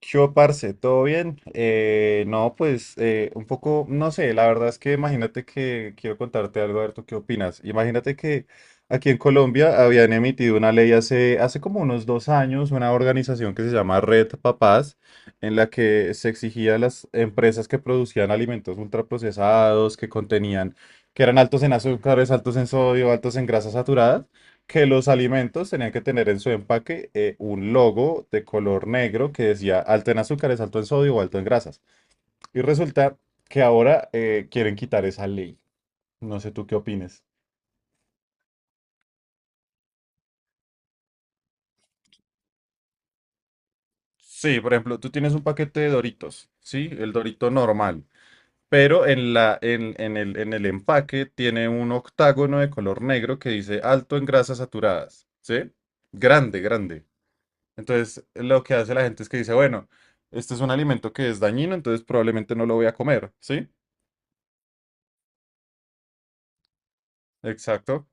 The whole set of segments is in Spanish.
¿Qué hubo, parce? ¿Todo bien? No, pues un poco, no sé, la verdad es que imagínate que quiero contarte algo, a ver tú qué opinas. Imagínate que aquí en Colombia habían emitido una ley hace como unos 2 años, una organización que se llama Red Papás, en la que se exigía a las empresas que producían alimentos ultraprocesados, que contenían, que eran altos en azúcares, altos en sodio, altos en grasas saturadas, que los alimentos tenían que tener en su empaque un logo de color negro que decía alto en azúcares, alto en sodio o alto en grasas. Y resulta que ahora quieren quitar esa ley. No sé tú qué opines. Sí, por ejemplo, tú tienes un paquete de Doritos, ¿sí? El Dorito normal. Pero en la, en el empaque tiene un octágono de color negro que dice alto en grasas saturadas, ¿sí? Grande, grande. Entonces, lo que hace la gente es que dice, bueno, este es un alimento que es dañino, entonces probablemente no lo voy a comer, ¿sí? Exacto.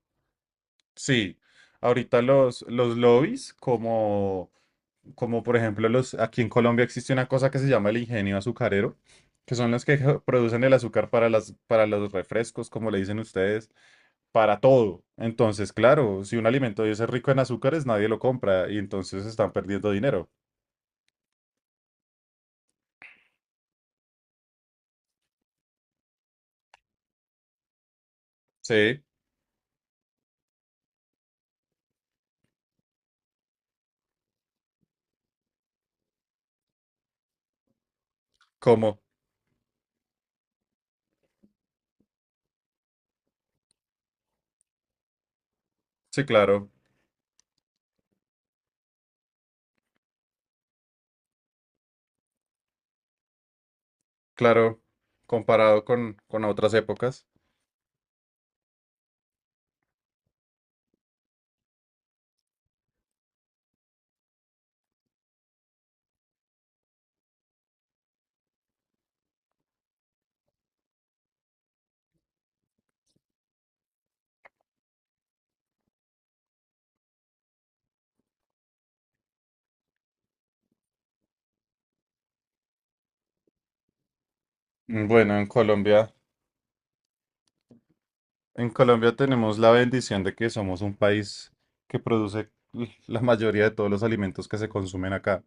Sí. Ahorita los lobbies, como, como por ejemplo los, aquí en Colombia existe una cosa que se llama el ingenio azucarero, que son los que producen el azúcar para las, para los refrescos, como le dicen ustedes, para todo. Entonces, claro, si un alimento de ese es rico en azúcares, nadie lo compra y entonces están perdiendo dinero. Sí, ¿cómo? Sí, claro. Claro, comparado con otras épocas. Mm, bueno, en Colombia tenemos la bendición de que somos un país que produce la mayoría de todos los alimentos que se consumen acá.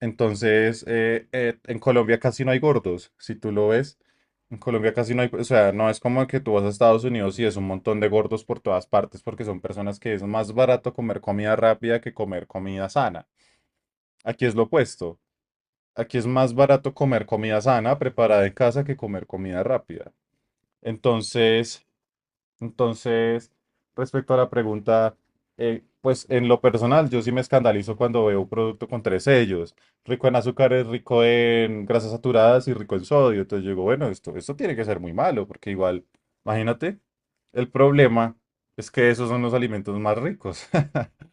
Entonces, en Colombia casi no hay gordos, si tú lo ves. En Colombia casi no hay, o sea, no es como que tú vas a Estados Unidos y es un montón de gordos por todas partes, porque son personas que es más barato comer comida rápida que comer comida sana. Aquí es lo opuesto. Aquí es más barato comer comida sana, preparada en casa, que comer comida rápida. Entonces, entonces, respecto a la pregunta, pues en lo personal, yo sí me escandalizo cuando veo un producto con tres sellos, rico en azúcares, rico en grasas saturadas y rico en sodio. Entonces yo digo, bueno, esto tiene que ser muy malo, porque igual, imagínate, el problema es que esos son los alimentos más ricos.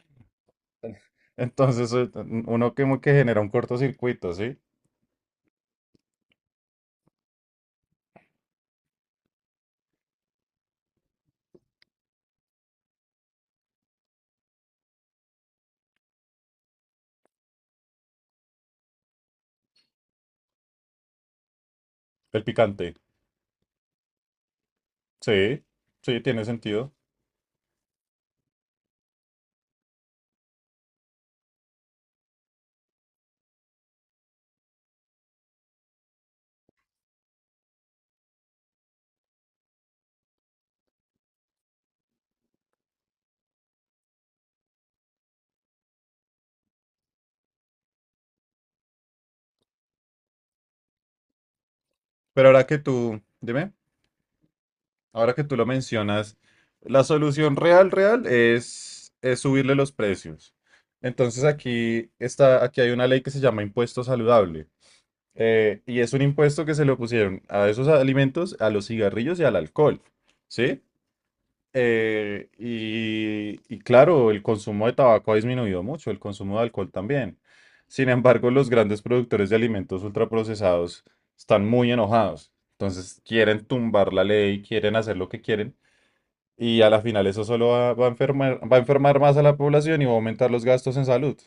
Entonces, uno como que genera un cortocircuito, ¿sí? El picante. Sí, sí, tiene sentido. Pero ahora que tú, dime, ahora que tú lo mencionas, la solución real, real es subirle los precios. Entonces aquí está, aquí hay una ley que se llama impuesto saludable. Y es un impuesto que se le pusieron a esos alimentos, a los cigarrillos y al alcohol. ¿Sí? Y, y claro, el consumo de tabaco ha disminuido mucho, el consumo de alcohol también. Sin embargo, los grandes productores de alimentos ultraprocesados están muy enojados. Entonces quieren tumbar la ley, quieren hacer lo que quieren. Y a la final eso solo va a enfermar más a la población y va a aumentar los gastos en salud.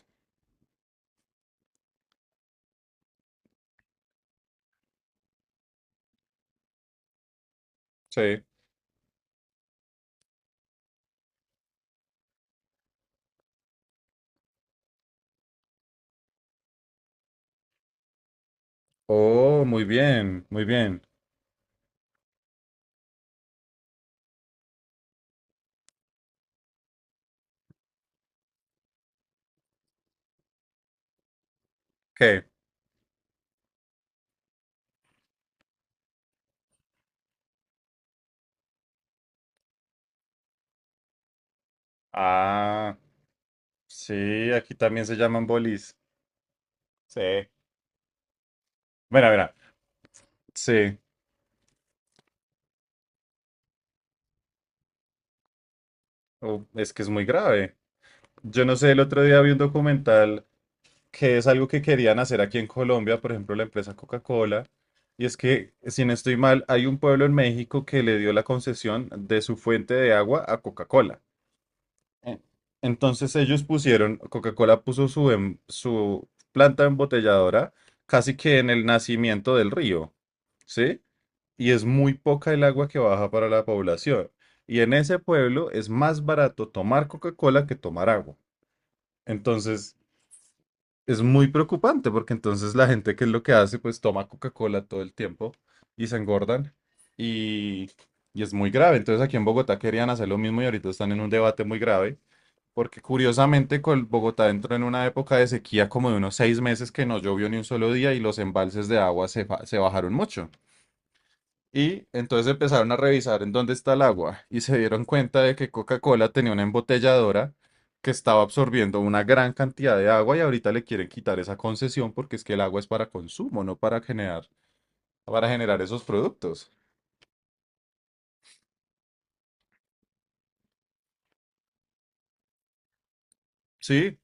Sí. Oh, muy bien, muy bien. ¿Qué? Ah, sí, aquí también se llaman bolis. Sí. Mira, mira. Sí. Oh, es que es muy grave. Yo no sé, el otro día vi un documental que es algo que querían hacer aquí en Colombia, por ejemplo, la empresa Coca-Cola, y es que, si no estoy mal, hay un pueblo en México que le dio la concesión de su fuente de agua a Coca-Cola. Eh, Entonces ellos pusieron, Coca-Cola puso su, su planta embotelladora casi que en el nacimiento del río, ¿sí? Y es muy poca el agua que baja para la población. Y en ese pueblo es más barato tomar Coca-Cola que tomar agua. Entonces... Es muy preocupante porque entonces la gente que es lo que hace, pues toma Coca-Cola todo el tiempo y se engordan y, y es muy grave. Entonces aquí en Bogotá querían hacer lo mismo y ahorita están en un debate muy grave porque curiosamente con Bogotá entró en una época de sequía como de unos 6 meses que no llovió ni un solo día y los embalses de agua se bajaron mucho. Y entonces empezaron a revisar en dónde está el agua y se dieron cuenta de que Coca-Cola tenía una embotelladora que estaba absorbiendo una gran cantidad de agua y ahorita le quieren quitar esa concesión porque es que el agua es para consumo, no para para generar esos productos. Sí,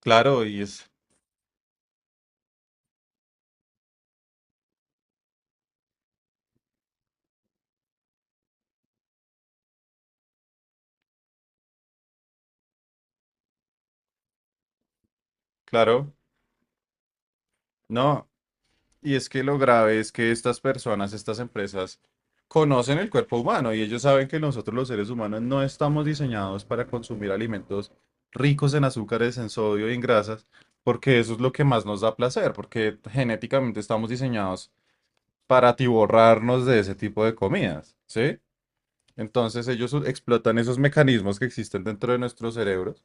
claro, y es, claro, no, y es que lo grave es que estas personas, estas empresas, conocen el cuerpo humano y ellos saben que nosotros los seres humanos no estamos diseñados para consumir alimentos ricos en azúcares, en sodio y en grasas, porque eso es lo que más nos da placer, porque genéticamente estamos diseñados para atiborrarnos de ese tipo de comidas, ¿sí? Entonces explotan esos mecanismos que existen dentro de nuestros cerebros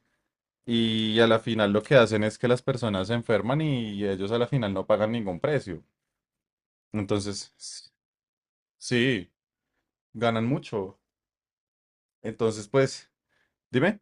y a la final lo que hacen es que las personas se enferman y ellos a la final no pagan ningún precio. Entonces, sí, ganan mucho. Entonces, pues, dime.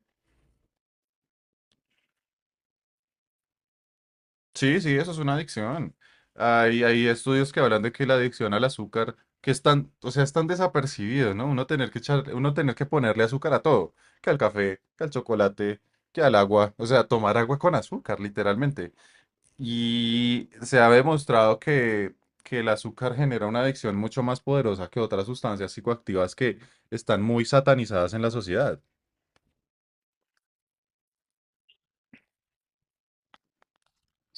Sí, sí, eso es una adicción. Hay estudios que hablan de que la adicción al azúcar, que están, o sea, están desapercibidos, ¿no? Uno tener que ponerle azúcar a todo, que al café, que al chocolate, que al agua, o sea, tomar agua con azúcar, literalmente. Y se ha demostrado que el azúcar genera una adicción mucho más poderosa que otras sustancias psicoactivas que están muy satanizadas en la sociedad.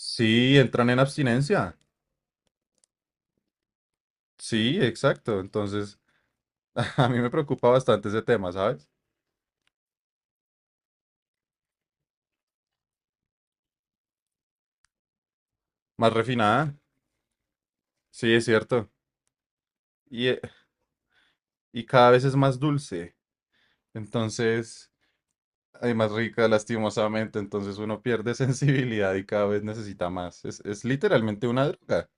Sí, entran en abstinencia. Sí, exacto. Entonces, a mí me preocupa bastante ese tema, ¿sabes? Más refinada, sí, es cierto. Y, eh, y cada vez es más dulce. Entonces, hay más rica, lastimosamente. Entonces uno pierde sensibilidad y cada vez necesita más. Es literalmente una droga.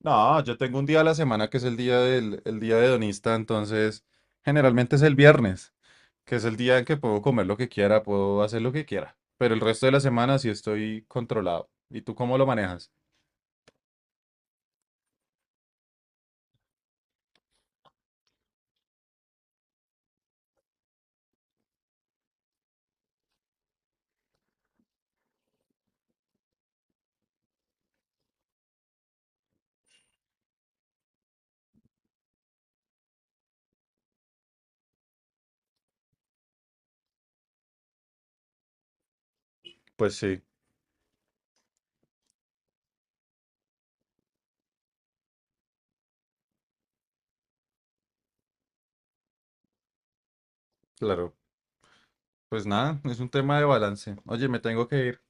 No, yo tengo un día a la semana que es el día el día hedonista, entonces generalmente es el viernes, que es el día en que puedo comer lo que quiera, puedo hacer lo que quiera. Pero el resto de la semana sí estoy controlado. ¿Y tú cómo lo manejas? Pues sí, claro. Pues nada, es un tema de balance. Oye, me tengo que ir.